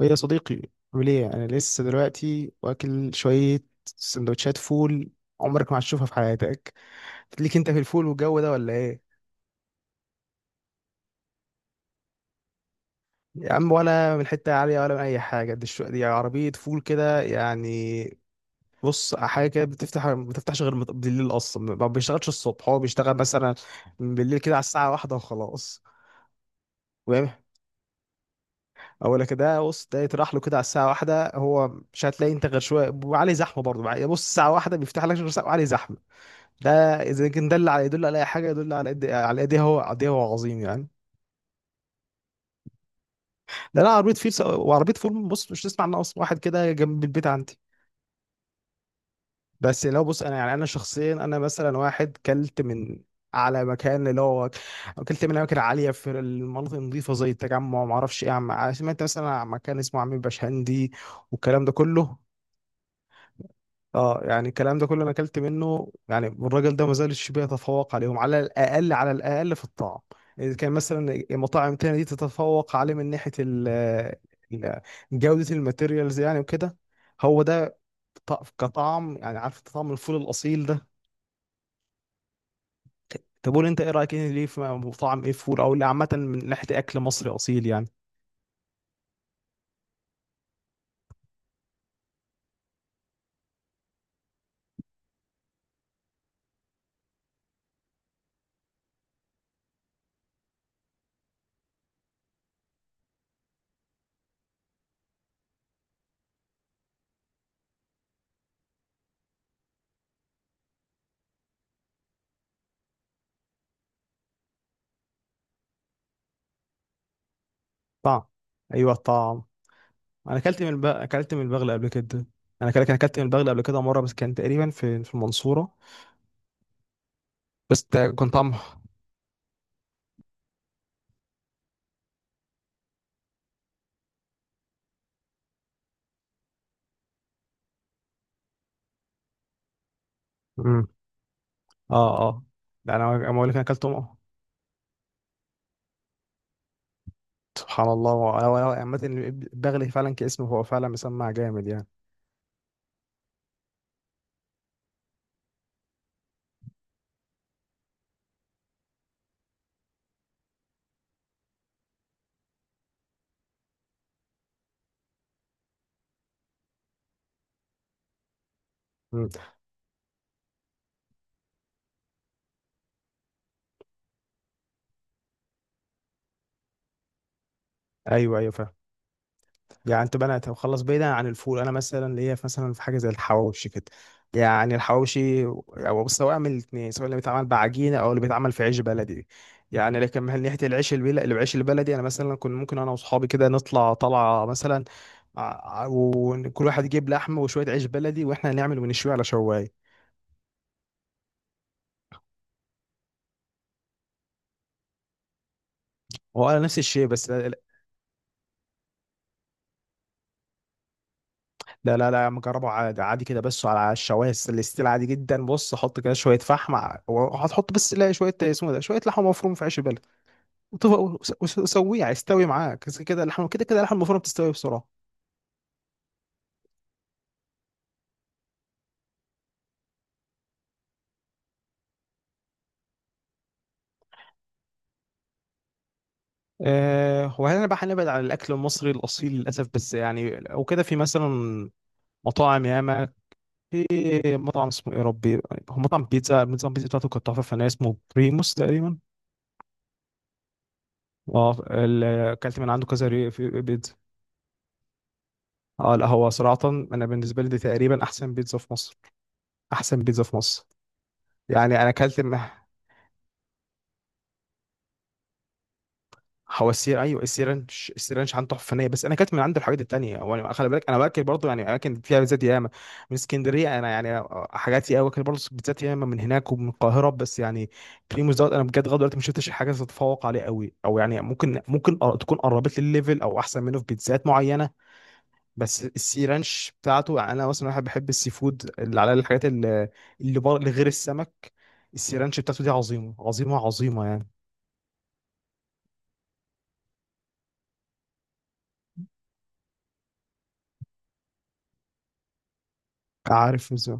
يا صديقي، عامل ايه؟ انا لسه دلوقتي واكل شويه سندوتشات فول. عمرك ما هتشوفها في حياتك. ليك انت في الفول والجو ده ولا ايه؟ يا عم، ولا من حته عاليه ولا من اي حاجه دي. دي عربيه فول كده يعني. بص حاجه كده بتفتح ما بتفتحش غير بالليل، اصلا ما بيشتغلش الصبح، هو بيشتغل مثلا بالليل كده على الساعه واحدة وخلاص. فاهم. اقول لك ده، بص ده يطرح له كده على الساعه واحدة هو. مش هتلاقي انت غير شويه وعليه زحمه برضه بقى. بص الساعه واحدة بيفتح لك غير ساعة وعليه زحمه ده. اذا كان ده اللي على يدل على اي حاجه، يدل على قد، على قد ايه هو، قد ايه هو عظيم يعني. ده انا عربيه فيل وعربيه فول، بص مش تسمع عنها اصلا، واحد كده جنب البيت عندي. بس لو بص، انا يعني انا شخصيا، انا مثلا واحد كلت من على مكان اللي هو اكلت من اماكن عاليه في المناطق النظيفه زي التجمع وما اعرفش ايه، سمعت مثلا عن مكان اسمه عم بشهندي والكلام ده كله. اه، يعني الكلام ده كله انا اكلت منه، يعني الراجل ده ما زالش بيتفوق عليهم، على الاقل على الاقل في الطعم. اذا كان مثلا مطاعم تانية دي تتفوق عليه من ناحيه ال- جوده الماتيريالز يعني وكده. هو ده كطعم، يعني عارف أنت طعم الفول الاصيل ده. طب قول انت ايه رايك، ايه ليه في طعم ايه فول او اللي عامه من ناحيه اكل مصري اصيل يعني. طعم ايوه، الطعم. انا اكلت من اكلت من البغل قبل كده. انا كده كان اكلت من البغل قبل كده مره، بس كان تقريبا في المنصوره. بس كان طعمه. امم، اه، اه. ده انا بقول لك انا اكلت. سبحان الله، هو عامة البغل فعلا كاسمه، هو فعلا مسمع جامد يعني. مم. ايوه، ايوه، فاهم. يعني انت بقى خلص بعيدا عن الفول، انا مثلا ليا مثلا في حاجه زي الحواوشي كده، يعني الحواوشي او سواء من الاثنين، سواء اللي بيتعمل بعجينه او اللي بيتعمل في عيش بلدي. يعني لكن من ناحيه العيش البلدي، العيش البلدي انا مثلا كنت ممكن انا واصحابي كده نطلع طلعه مثلا، ع- وكل واحد يجيب لحم وشويه عيش بلدي واحنا نعمل ونشويه على شوايه. هو انا نفس الشيء، بس لا، لا، لا، لا مجربه عادي، عادي كده. بس على الشوايه الاستيل عادي جدا، بص حط كده شويه فحم وهتحط، بس لا شويه اسمه ده، شويه لحمه مفرومه في عيش البلد وتف- وسويها يستوي معاك. بس كده اللحمه، كده كده اللحمه المفرومه بتستوي بسرعه. أه، وهل انا بقى هنبعد عن الاكل المصري الاصيل للاسف؟ بس يعني لو كده في مثلا مطاعم ياما. في مطعم اسمه ايه يا ربي، هو مطعم بيتزا، نظام البيتزا بتاعته كانت تحفه فنيه، اسمه بريموس تقريبا. اه، اكلت من عنده كذا في بيتزا. اه، لا، هو صراحة انا بالنسبة لي دي تقريبا احسن بيتزا في مصر، احسن بيتزا في مصر. يعني انا اكلت. هو ايوه السيرانش السيرانش عنده تحفة فنية. بس انا اكلت من عنده الحاجات التانية، وانا خلي بالك انا باكل برضه يعني اماكن فيها بيتزات ياما، من اسكندرية انا يعني حاجاتي قوي، باكل برضه بيتزات ياما من هناك ومن القاهرة. بس يعني بريموس دوت، انا بجد لغاية دلوقتي ما شفتش حاجة تتفوق عليه قوي، او يعني ممكن تكون قربت لي الليفل او احسن منه في بيتزات معينة. بس السي رانش بتاعته، يعني انا مثلا واحد بحب السي فود، اللي على الحاجات اللي غير السمك. السي رانش بتاعته دي عظيمه، عظيمه، عظيمه يعني. عارف ازاي.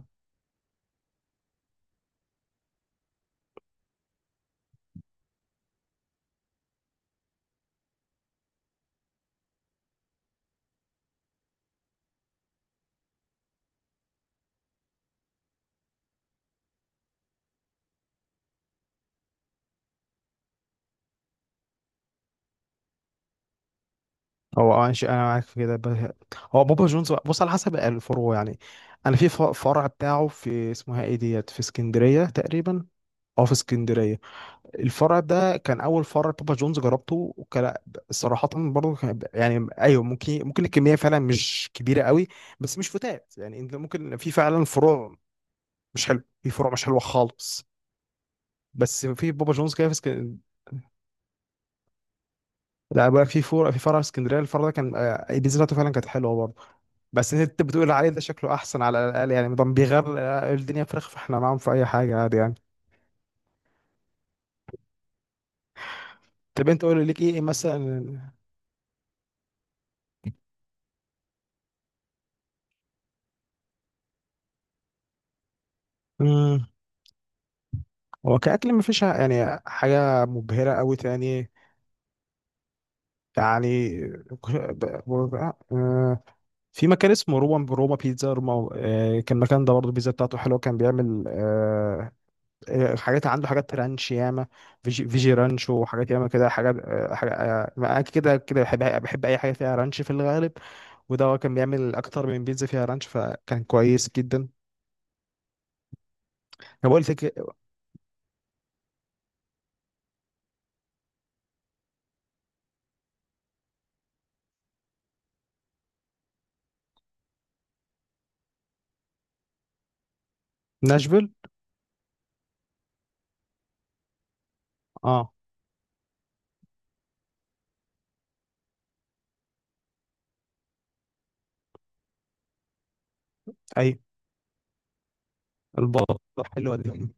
هو اه، ماشي، انا معاك في كده. هو بابا جونز، بص على حسب الفروع يعني. انا في فرع بتاعه في اسمها ايه ديت، في اسكندريه تقريبا، اه في اسكندريه. الفرع ده كان اول فرع بابا جونز جربته، وكان صراحه برضه كان، يعني ايوه ممكن، الكميه فعلا مش كبيره قوي، بس مش فتات يعني. انت ممكن في فعلا فروع مش حلو، في فروع مش حلوه خالص، بس في بابا جونز كده في اسكندريه. لا بقى في فرع، في اسكندريه. الفرع ده كان بيزرعته فعلا كانت حلوه برضه. بس انت بتقول عليه ده شكله احسن، على الاقل يعني مدام بيغير الدنيا فراخ، فاحنا معاهم في اي حاجه عادي يعني. طب انت قول لي ليك ايه مثلا. مم. هو كأكل مفيش يعني حاجة مبهرة أوي تاني يعني. ب- ب- آه، في مكان اسمه روما، بيتزا روما. كان المكان ده برضه البيتزا بتاعته حلوة. كان بيعمل حاجات، عنده حاجات رانش ياما، فيجي رانش، وحاجات ياما كده حاجات. آه، حاجة آه، أنا كده، كده بحب، بحب أي حاجة فيها رانش في الغالب. وده هو كان بيعمل أكتر من بيتزا فيها رانش، فكان كويس جدا. أنا بقول لك ناشفيل. اه، أيوه، البطة حلوة دي.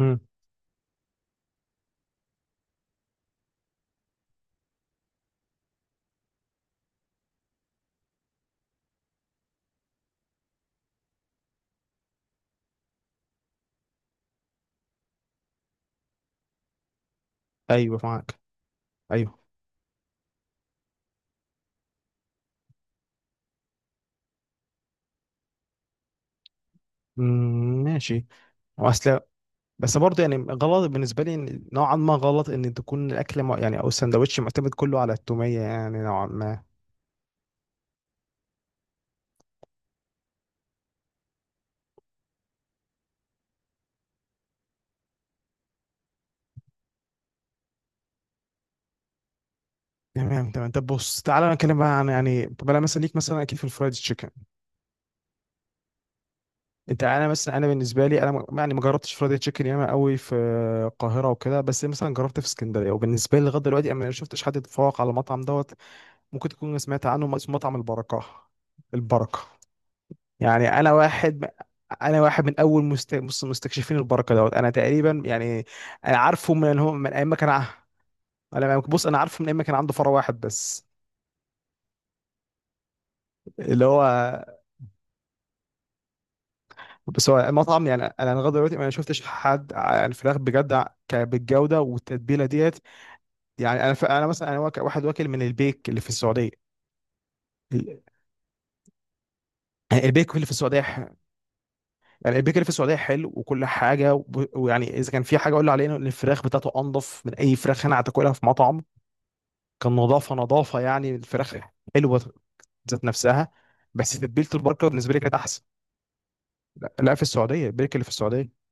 مم. أيوه، معاك. أيوه. مم، ماشي، واصل. بس برضه يعني غلط بالنسبه لي، نوعا ما غلط ان تكون الاكل يعني او السندوتش معتمد كله على التوميه يعني نوعا ما. تمام، تمام. طب بص تعالى نتكلم بقى عن، يعني طب انا مثلا ليك مثلا اكيد في الفرايد تشيكن. انت انا مثلا انا بالنسبه لي انا يعني ما جربتش فرايد تشيكن ياما قوي في القاهره وكده. بس مثلا جربت في اسكندريه، وبالنسبه لي لغايه دلوقتي انا ما شفتش حد يتفوق على المطعم دوت. ممكن تكون سمعت عنه، اسمه مطعم البركه. البركه. يعني انا واحد من اول مستكشفين البركه دوت انا تقريبا، يعني انا عارفه من ان هو من ايام ما كان. انا بص انا عارفه من ايام ما كان عنده فرع واحد بس، اللي هو. بس هو المطعم، يعني انا لغايه دلوقتي ما شفتش حد الفراخ بجد بالجوده والتتبيله ديت. يعني انا انا مثلا واك- واحد واكل من البيك اللي في السعوديه، ال- البيك اللي في السعوديه. يعني البيك اللي في السعوديه حلو وكل حاجه. ويعني اذا كان في حاجه اقول عليها، ان الفراخ بتاعته انضف من اي فراخ انا هتاكلها في مطعم. كان نظافه، نظافه يعني، الفراخ حلوه ذات نفسها. بس تتبيله البركه بالنسبه لي كانت احسن. لا، لا، في السعوديه، البركه اللي في السعوديه.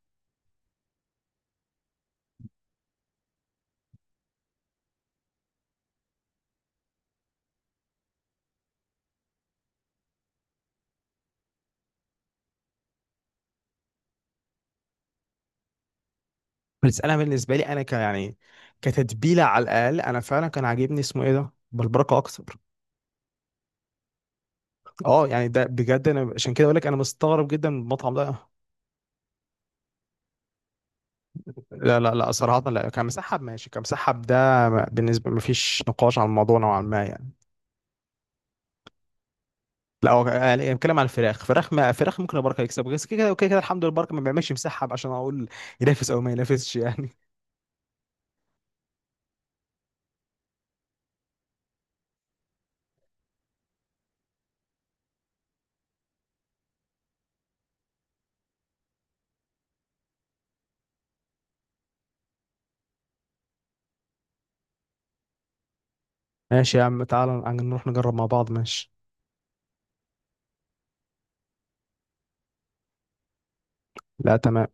بس انا بالنسبه لي انا يعني كتتبيله على الاقل، انا فعلا كان عاجبني اسمه ايه ده بالبركه اكتر. اه، يعني ده بجد انا عشان كده اقول لك انا مستغرب جدا من المطعم ده. لا، لا، لا، صراحه لا، كمسحب ماشي، كمسحب ده بالنسبه مفيش نقاش على الموضوع نوعا ما يعني. لا هو إيه، بيتكلم على الفراخ. فراخ ما فراخ ممكن البركه يكسب، بس كده كده كده كده الحمد لله البركه ما بيعملش مسحب عشان اقول ينافس او ما ينافسش يعني. ماشي يا عم، تعال نروح نجرب مع بعض، ماشي. لا، تمام.